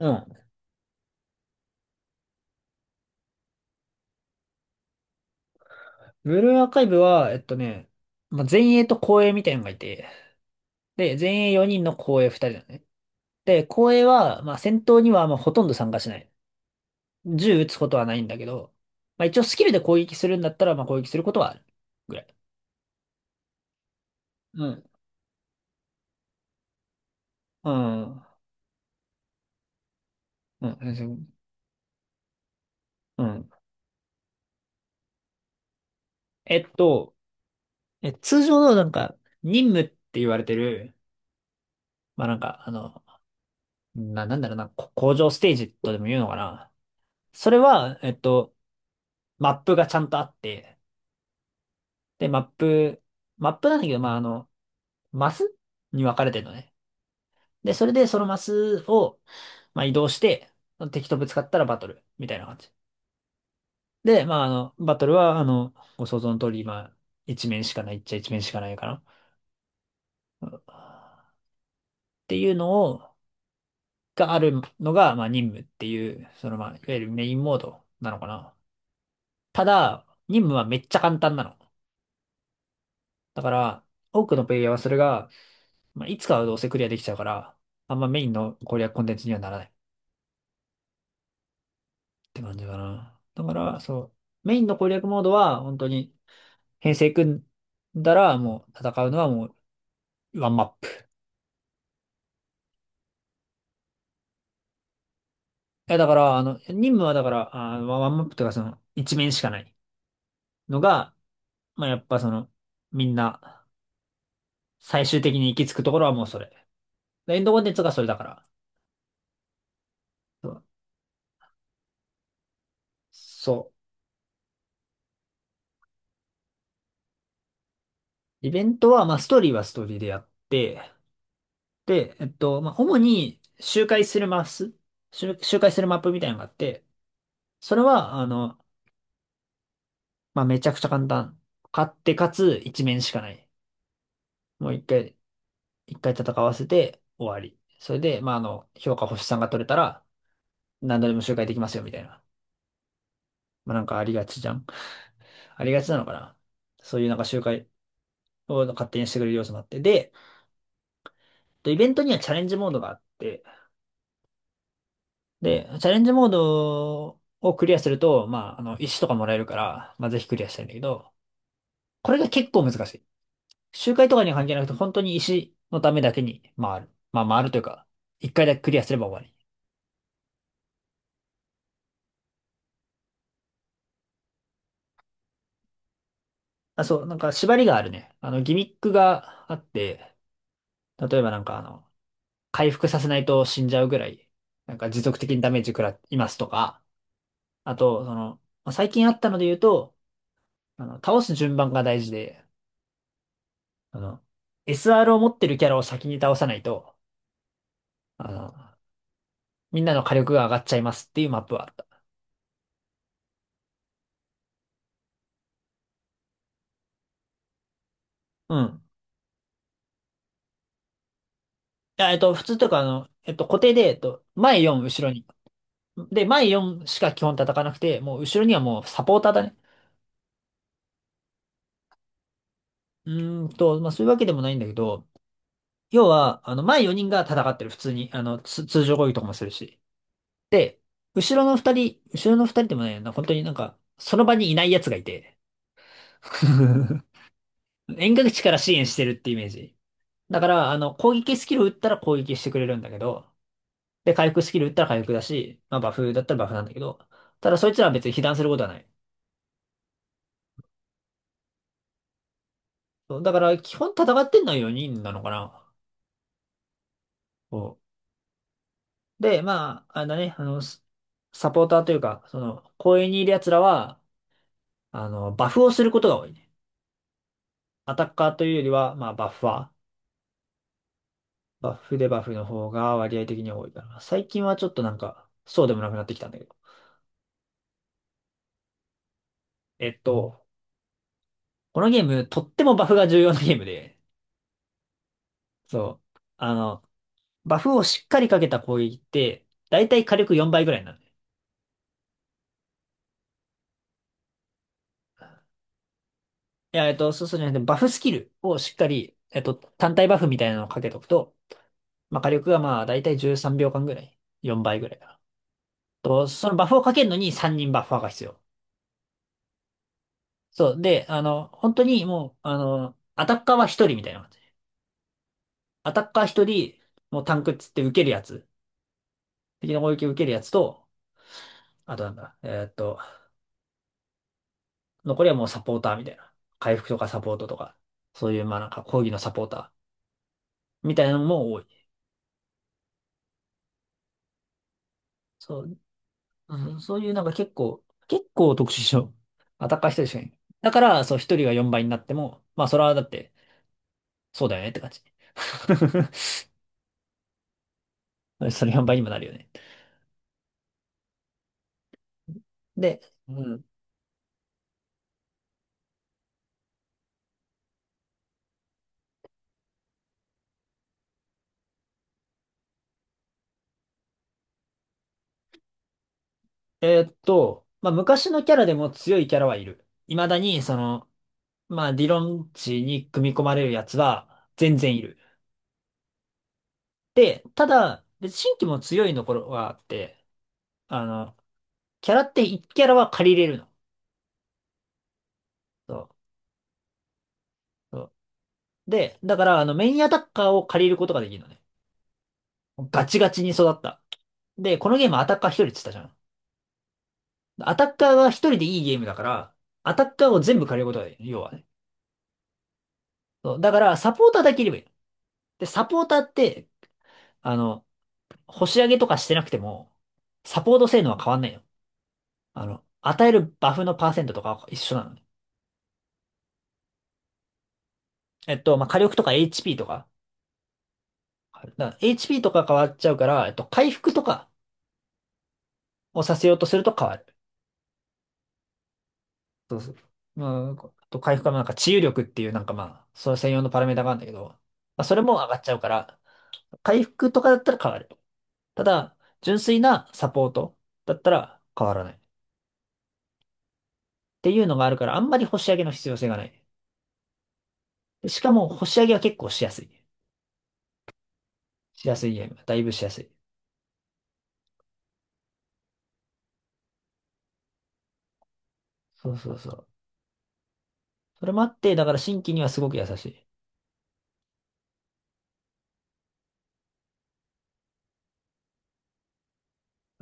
うん。ブルーアーカイブは、まあ、前衛と後衛みたいなのがいて、で、前衛4人の後衛2人だね。で、後衛は、まあ、戦闘にはまあほとんど参加しない。銃撃つことはないんだけど、まあ、一応スキルで攻撃するんだったら、まあ、攻撃することはあるぐらい。うん。うん。うん。全然うん。えっと、通常のなんか、任務って言われてる、まあ、なんだろうな、工場ステージとでも言うのかな。それは、マップがちゃんとあって、で、マップなんだけど、まあ、あの、マスに分かれてるのね。で、それでそのマスを、まあ、移動して、敵とぶつかったらバトル、みたいな感じ。で、まあ、あの、バトルは、あの、ご想像の通り、まあ、一面しかないっちゃ一面しかないかな。っていうのがあるのが、まあ、任務っていう、その、まあ、いわゆるメインモードなのかな。ただ、任務はめっちゃ簡単なの。だから、多くのプレイヤーはそれが、まあ、いつかはどうせクリアできちゃうから、あんまメインの攻略コンテンツにはならない。って感じかな。だから、そう、メインの攻略モードは、本当に、編成組んだら、もう、戦うのはもう、ワンマップ。え、だから、あの、任務はだから、ワンマップというか、その、一面しかないのが、まあ、やっぱその、みんな、最終的に行き着くところはもうそれ。でエンドコンテンツがそれだから。そうそう。イベントは、まあ、ストーリーはストーリーでやって、で、まあ、主に、周回するマップみたいなのがあって、それは、あの、まあめちゃくちゃ簡単。勝ってかつ一面しかない。もう一回、一回戦わせて終わり。それで、まああの、評価星さんが取れたら何度でも周回できますよみたいな。まあなんかありがちじゃん。ありがちなのかな。そういうなんか周回を勝手にしてくれる要素もあって。で、とイベントにはチャレンジモードがあって、で、チャレンジモードをクリアすると、まああの、石とかもらえるから、まあぜひクリアしたいんだけど、これが結構難しい。周回とかには関係なくて、本当に石のためだけに回る。まあ回るというか、一回だけクリアすれば終わり。あ、そう、なんか縛りがあるね。あの、ギミックがあって、例えばなんかあの、回復させないと死んじゃうぐらい、なんか持続的にダメージ食らいますとか、あと、その、まあ最近あったので言うと、あの、倒す順番が大事で、あの、SR を持ってるキャラを先に倒さないと、あの、みんなの火力が上がっちゃいますっていうマップはあった。うん。いや、普通というか、固定で、えっと、前4、後ろで、前4しか基本叩かなくて、もう後ろにはもうサポーターだね。うーんと、まあそういうわけでもないんだけど、要は、あの、前4人が戦ってる、普通に。あの、通常攻撃とかもするし。で、後ろの2人でもないよな、本当になんか、その場にいない奴がいて。遠隔地から支援してるってイメージ。だから、あの、攻撃スキル打ったら攻撃してくれるんだけど、で、回復スキル打ったら回復だし、まあバフだったらバフなんだけど、ただそいつらは別に被弾することはない。そうだから、基本戦ってんのは4人なのかな。で、まあ、あのね、あの、サポーターというか、その、公園にいる奴らは、あの、バフをすることが多いね。アタッカーというよりは、まあ、バッファー。バフの方が割合的に多いから。最近はちょっとなんか、そうでもなくなってきたんだけど。えっと、このゲーム、とってもバフが重要なゲームで、そう。あの、バフをしっかりかけた攻撃って、だいたい火力4倍ぐらいなの。いや、そうじゃなくて、バフスキルをしっかり、えっと、単体バフみたいなのをかけとくと、まあ、火力がまあ、だいたい13秒間ぐらい。4倍ぐらいかな。と、そのバフをかけるのに3人バッファーが必要。そう。で、あの、本当にもう、あの、アタッカーは1人みたいな感じ。アタッカー1人、もうタンクっつって受けるやつ。敵の攻撃を受けるやつと、あとなんだ、残りはもうサポーターみたいな。回復とかサポートとか、そういうまあなんか講義のサポーターみたいなのも多い。そう。うんそういうなんか結構特殊症。まあ、高い人でしかいないだから、そう、一人が4倍になっても、まあ、それはだって、そうだよねって感じ。それ4倍にもなるよね。で、うん。えーっと、まあ、昔のキャラでも強いキャラはいる。未だに、その、まあ、理論値に組み込まれるやつは全然いる。で、ただ、別に新規も強いの頃はあって、あの、キャラって1キャラは借りれるの。そう。そうで、だから、あの、メインアタッカーを借りることができるのね。ガチガチに育った。で、このゲームアタッカー一人って言ったじゃん。アタッカーが一人でいいゲームだから、アタッカーを全部借りることができる。要はね。そうだから、サポーターだけいればいいの。で、サポーターって、あの、星上げとかしてなくても、サポート性能は変わんないよ。あの、与えるバフのパーセントとかは一緒なのね。えっと、まあ、火力とか HP とか。だから HP とか変わっちゃうから、えっと、回復とかをさせようとすると変わる。そうそう。まあ、あと回復はなんか治癒力っていうなんかまあ、それ専用のパラメータがあるんだけど、まあ、それも上がっちゃうから、回復とかだったら変わる。ただ、純粋なサポートだったら変わらない。っていうのがあるから、あんまり星上げの必要性がない。でしかも、星上げは結構しやすい。しやすいゲーム。だいぶしやすい。そうそうそう。それもあって、だから新規にはすごく優しい。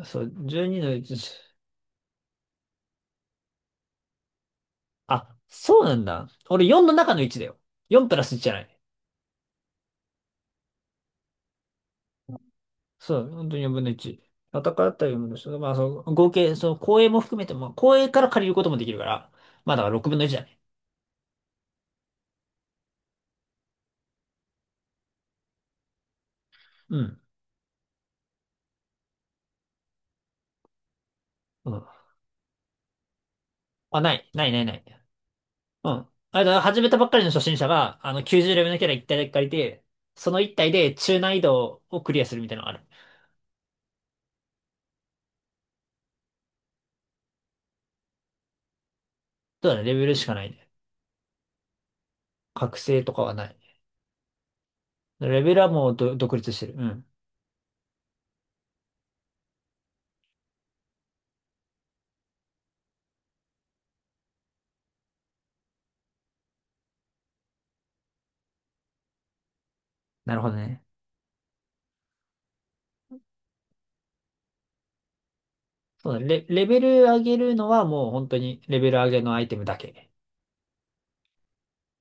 そう、12の1。あ、そうなんだ。俺4の中の1だよ。4プラス1じゃない。そう、本当に4分の1。戦った4分の1。まあ、その合計、その公営も含めても、公営から借りることもできるから、まあだから6分の1だね。うん。うん。あ、ない、ない、ない、ない。うん。あれだ、始めたばっかりの初心者が、あの、90レベルのキャラ1体だけ借りて、その1体で中難易度をクリアするみたいなのがある。そうだね、レベルしかないね。覚醒とかはない。レベルはもう独立してる。うん。なるほどね。そうだね、レベル上げるのはもう本当にレベル上げのアイテムだけ。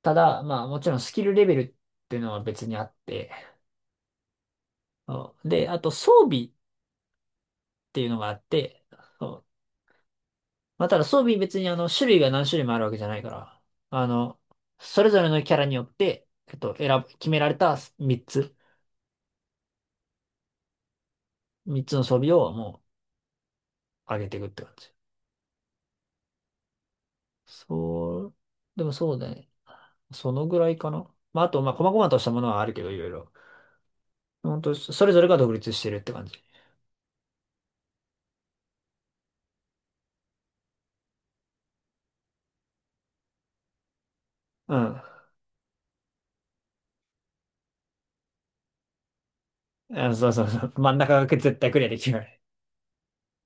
ただ、まあもちろんスキルレベルっていうのは別にあって、そうで、あと装備っていうのがあって、そうまあただ装備別にあの種類が何種類もあるわけじゃないから、あの、それぞれのキャラによって、えっと、選ぶ、決められた3つ、3つの装備をもう上げていくって感じ。そう、でもそうだね。そのぐらいかな。まああと、まあ細々としたものはあるけど、いろいろ。本当それぞれが独立してるって感じ。うん。あ、そうそうそう。真ん中が絶対クリアできない。